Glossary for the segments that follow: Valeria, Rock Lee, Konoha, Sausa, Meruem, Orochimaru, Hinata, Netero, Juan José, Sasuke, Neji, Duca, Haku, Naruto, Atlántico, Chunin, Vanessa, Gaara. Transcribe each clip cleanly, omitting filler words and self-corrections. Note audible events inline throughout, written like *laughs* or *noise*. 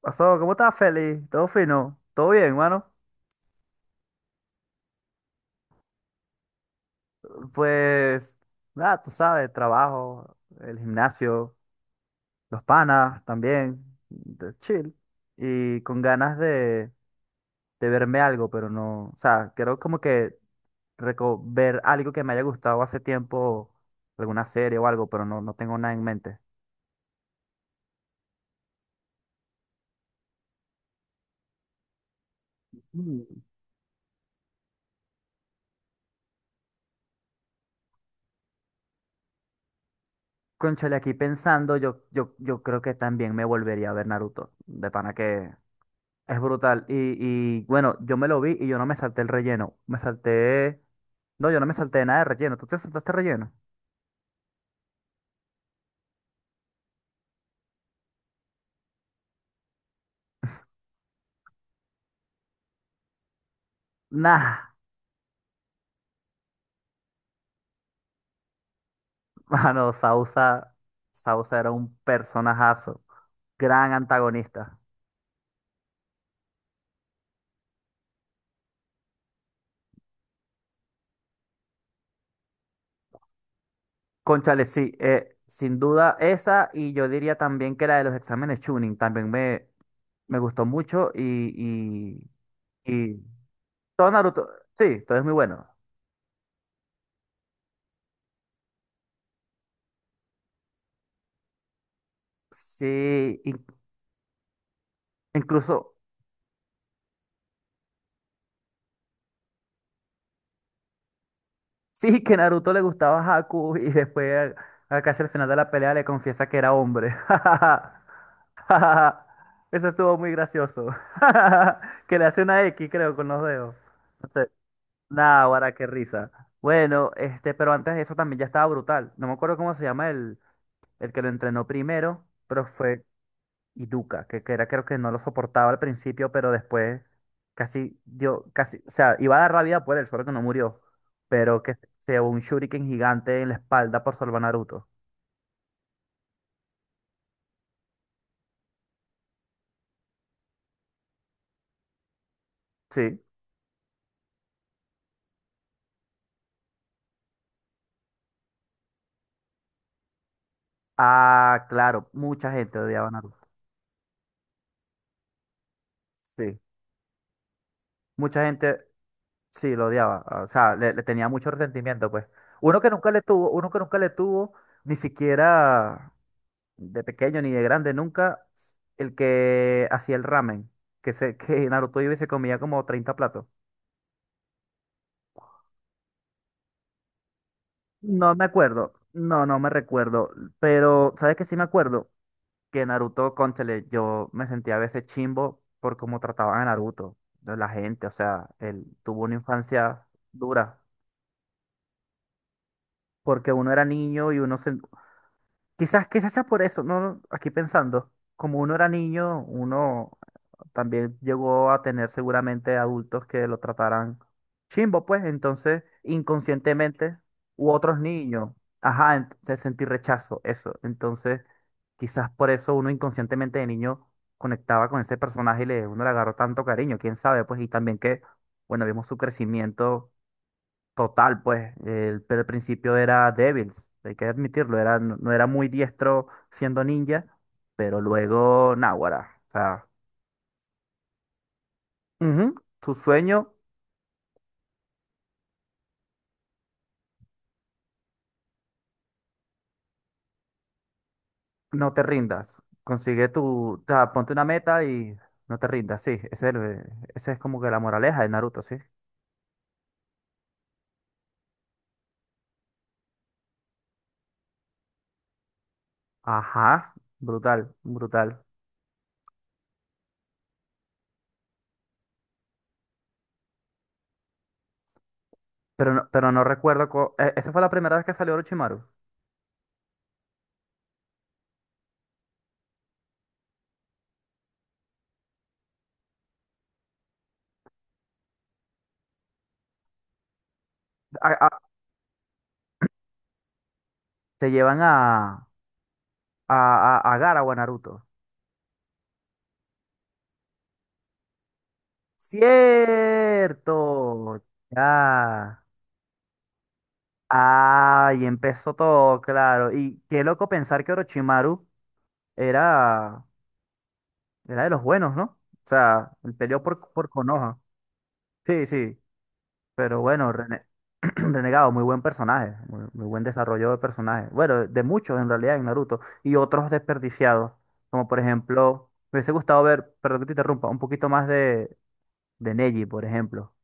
Pasó, ¿cómo estás, Feli? ¿Todo fino? ¿Todo bien, mano? Pues, nada, tú sabes, trabajo, el gimnasio, los panas también, de chill. Y con ganas de verme algo, pero no, o sea, quiero como que ver algo que me haya gustado hace tiempo, alguna serie o algo, pero no tengo nada en mente. Mm. Cónchale, aquí pensando, yo creo que también me volvería a ver Naruto. De pana que es brutal. Y bueno, yo me lo vi y yo no me salté el relleno. Me salté. No, yo no me salté nada de relleno. ¿Tú te saltaste relleno? Nah. *laughs* Mano, Sausa. Sausa era un personajazo. Gran antagonista. Cónchale, sí. Sin duda esa. Y yo diría también que la de los exámenes Chunin. También me gustó mucho. Y todo Naruto. Sí, todo es muy bueno. Sí. Incluso. Sí, que Naruto le gustaba a Haku y después, a casi al final de la pelea, le confiesa que era hombre. *laughs* Eso estuvo muy gracioso. *laughs* Que le hace una X, creo, con los dedos. No sé. Nah, guara, qué risa. Bueno, este, pero antes de eso también ya estaba brutal. No me acuerdo cómo se llama el que lo entrenó primero, pero fue y Duca, que era creo que no lo soportaba al principio, pero después casi dio, casi, o sea, iba a dar la vida por él, solo que no murió, pero que se llevó un shuriken gigante en la espalda por salvar a Naruto. Sí. Ah, claro, mucha gente odiaba a Naruto. Sí. Mucha gente, sí, lo odiaba, ah, o sea, le tenía mucho resentimiento, pues. Uno que nunca le tuvo, ni siquiera de pequeño ni de grande, nunca, el que hacía el ramen, que, se, *laughs* que Naruto iba y se comía como 30 platos. No me acuerdo, no me recuerdo, pero ¿sabes qué sí me acuerdo? Que Naruto, cónchale, yo me sentía a veces chimbo por cómo trataban a Naruto, de la gente, o sea, él tuvo una infancia dura, porque uno era niño y uno se... Quizás sea por eso, ¿no? Aquí pensando, como uno era niño, uno también llegó a tener seguramente adultos que lo trataran chimbo, pues entonces inconscientemente, u otros niños, ajá, entonces sentí rechazo, eso. Entonces, quizás por eso uno inconscientemente de niño conectaba con ese personaje y le, uno le agarró tanto cariño, quién sabe, pues, y también que, bueno, vimos su crecimiento total, pues, el, pero al principio era débil, hay que admitirlo, era, no era muy diestro siendo ninja, pero luego, náguara, o sea. Ujú, tu sueño, no te rindas. Consigue tu, o sea, ponte una meta y no te rindas, sí. Ese es como que la moraleja de Naruto, sí. Ajá, brutal, brutal. Pero no recuerdo, esa fue la primera vez que salió Orochimaru. A- a- Te llevan a Gaara o a Naruto. Cierto, ya. Ah, y empezó todo, claro. Y qué loco pensar que Orochimaru era... Era de los buenos, ¿no? O sea, él peleó por Konoha. Sí, sí. Pero bueno, *clears throat* Renegado, muy buen personaje. Muy, muy buen desarrollo de personaje. Bueno, de muchos en realidad en Naruto. Y otros desperdiciados. Como por ejemplo, me hubiese gustado ver, perdón que te interrumpa, un poquito más de Neji, por ejemplo.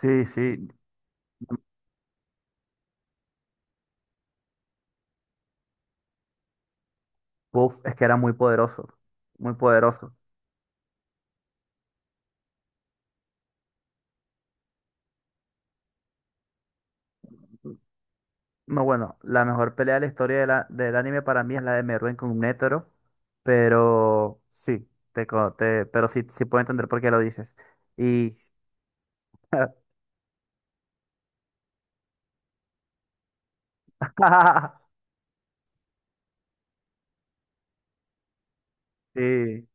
Sí, sí. Uf, es que era muy poderoso. Muy poderoso. No, bueno, la mejor pelea de la historia de del anime para mí es la de Meruem con Netero, pero sí, puedo entender por qué lo dices. Y *laughs* sí,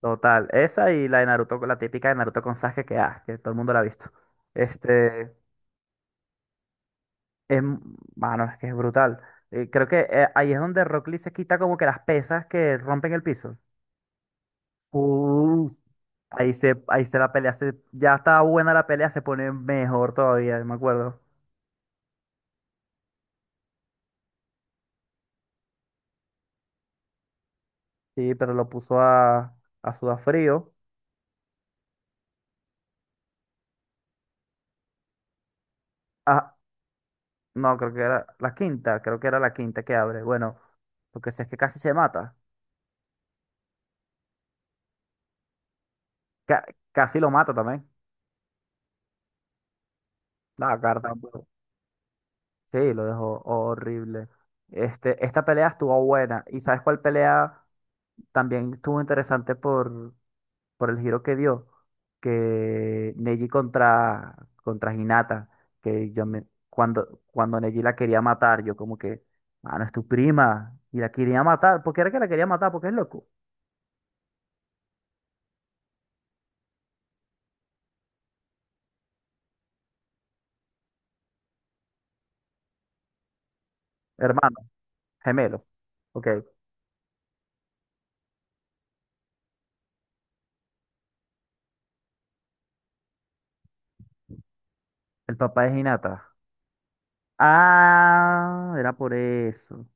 total, esa y la de Naruto, la típica de Naruto con Sasuke que, ah, que todo el mundo la ha visto. Este, es, m- mano, es que es brutal. Creo que ahí es donde Rock Lee se quita como que las pesas que rompen el piso. Uf. Ahí se la pelea, ya estaba buena la pelea, se pone mejor todavía, me acuerdo. Sí, pero lo puso a Sudafrío. Ah, no, creo que era la quinta que abre. Bueno, lo que sé es que casi se mata. Ca- Casi lo mata también. La carta. Bueno, sí, lo dejó horrible. Este, esta pelea estuvo buena. ¿Y sabes cuál pelea también estuvo interesante por el giro que dio, que Neji contra Hinata, que yo me, cuando Neji la quería matar, yo como que, mano, es tu prima, y la quería matar, porque era que la quería matar, porque es loco, hermano, gemelo, ok, el papá de Hinata. Ah, era por eso.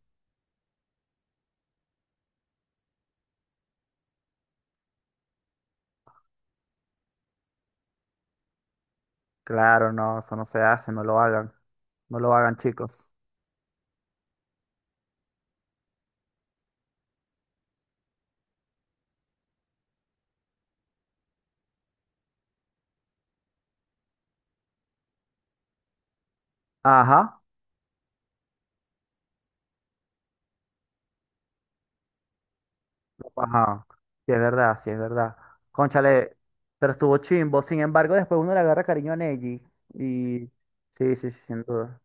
Claro, no, eso no se hace, no lo hagan, no lo hagan, chicos. Ajá. Ajá, sí es verdad, sí es verdad. Cónchale, pero estuvo chimbo. Sin embargo, después uno le agarra cariño a Neji. Y sí, sí, sí, sin duda.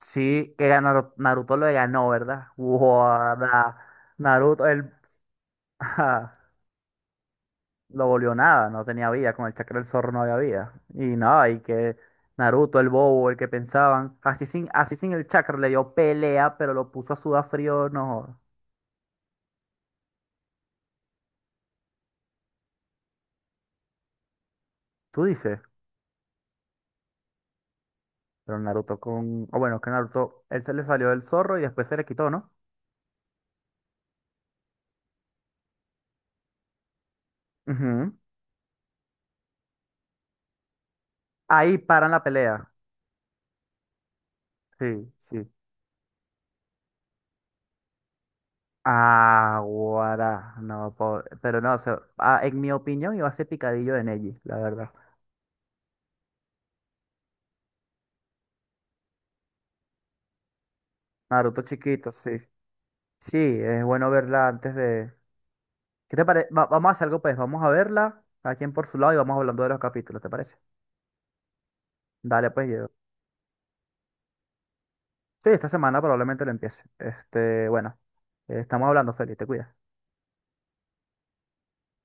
Sí, que Naruto, lo ganó, ¿verdad? Guarda, Naruto, él *laughs* ajá, lo volvió nada, no tenía vida, con el chakra del zorro no había vida. Y nada, y que Naruto, el bobo, el que pensaban, así sin el chakra le dio pelea, pero lo puso a sudar frío, no. ¿Tú dices? Pero Naruto con... O bueno, que Naruto, él se le salió del zorro y después se le quitó, ¿no? Ujú. Ahí paran la pelea. Sí, sí. Ah, guará. No, pero no, o sea, ah, en mi opinión iba a ser picadillo de Neji, la verdad. Naruto chiquito, sí. Sí, es bueno verla antes de... ¿Qué te parece? Vamos a hacer algo, pues. Vamos a verla, cada quien por su lado, y vamos hablando de los capítulos, ¿te parece? Dale, pues, yo. Sí, esta semana probablemente lo empiece. Este, bueno, estamos hablando, Feli, te cuidas.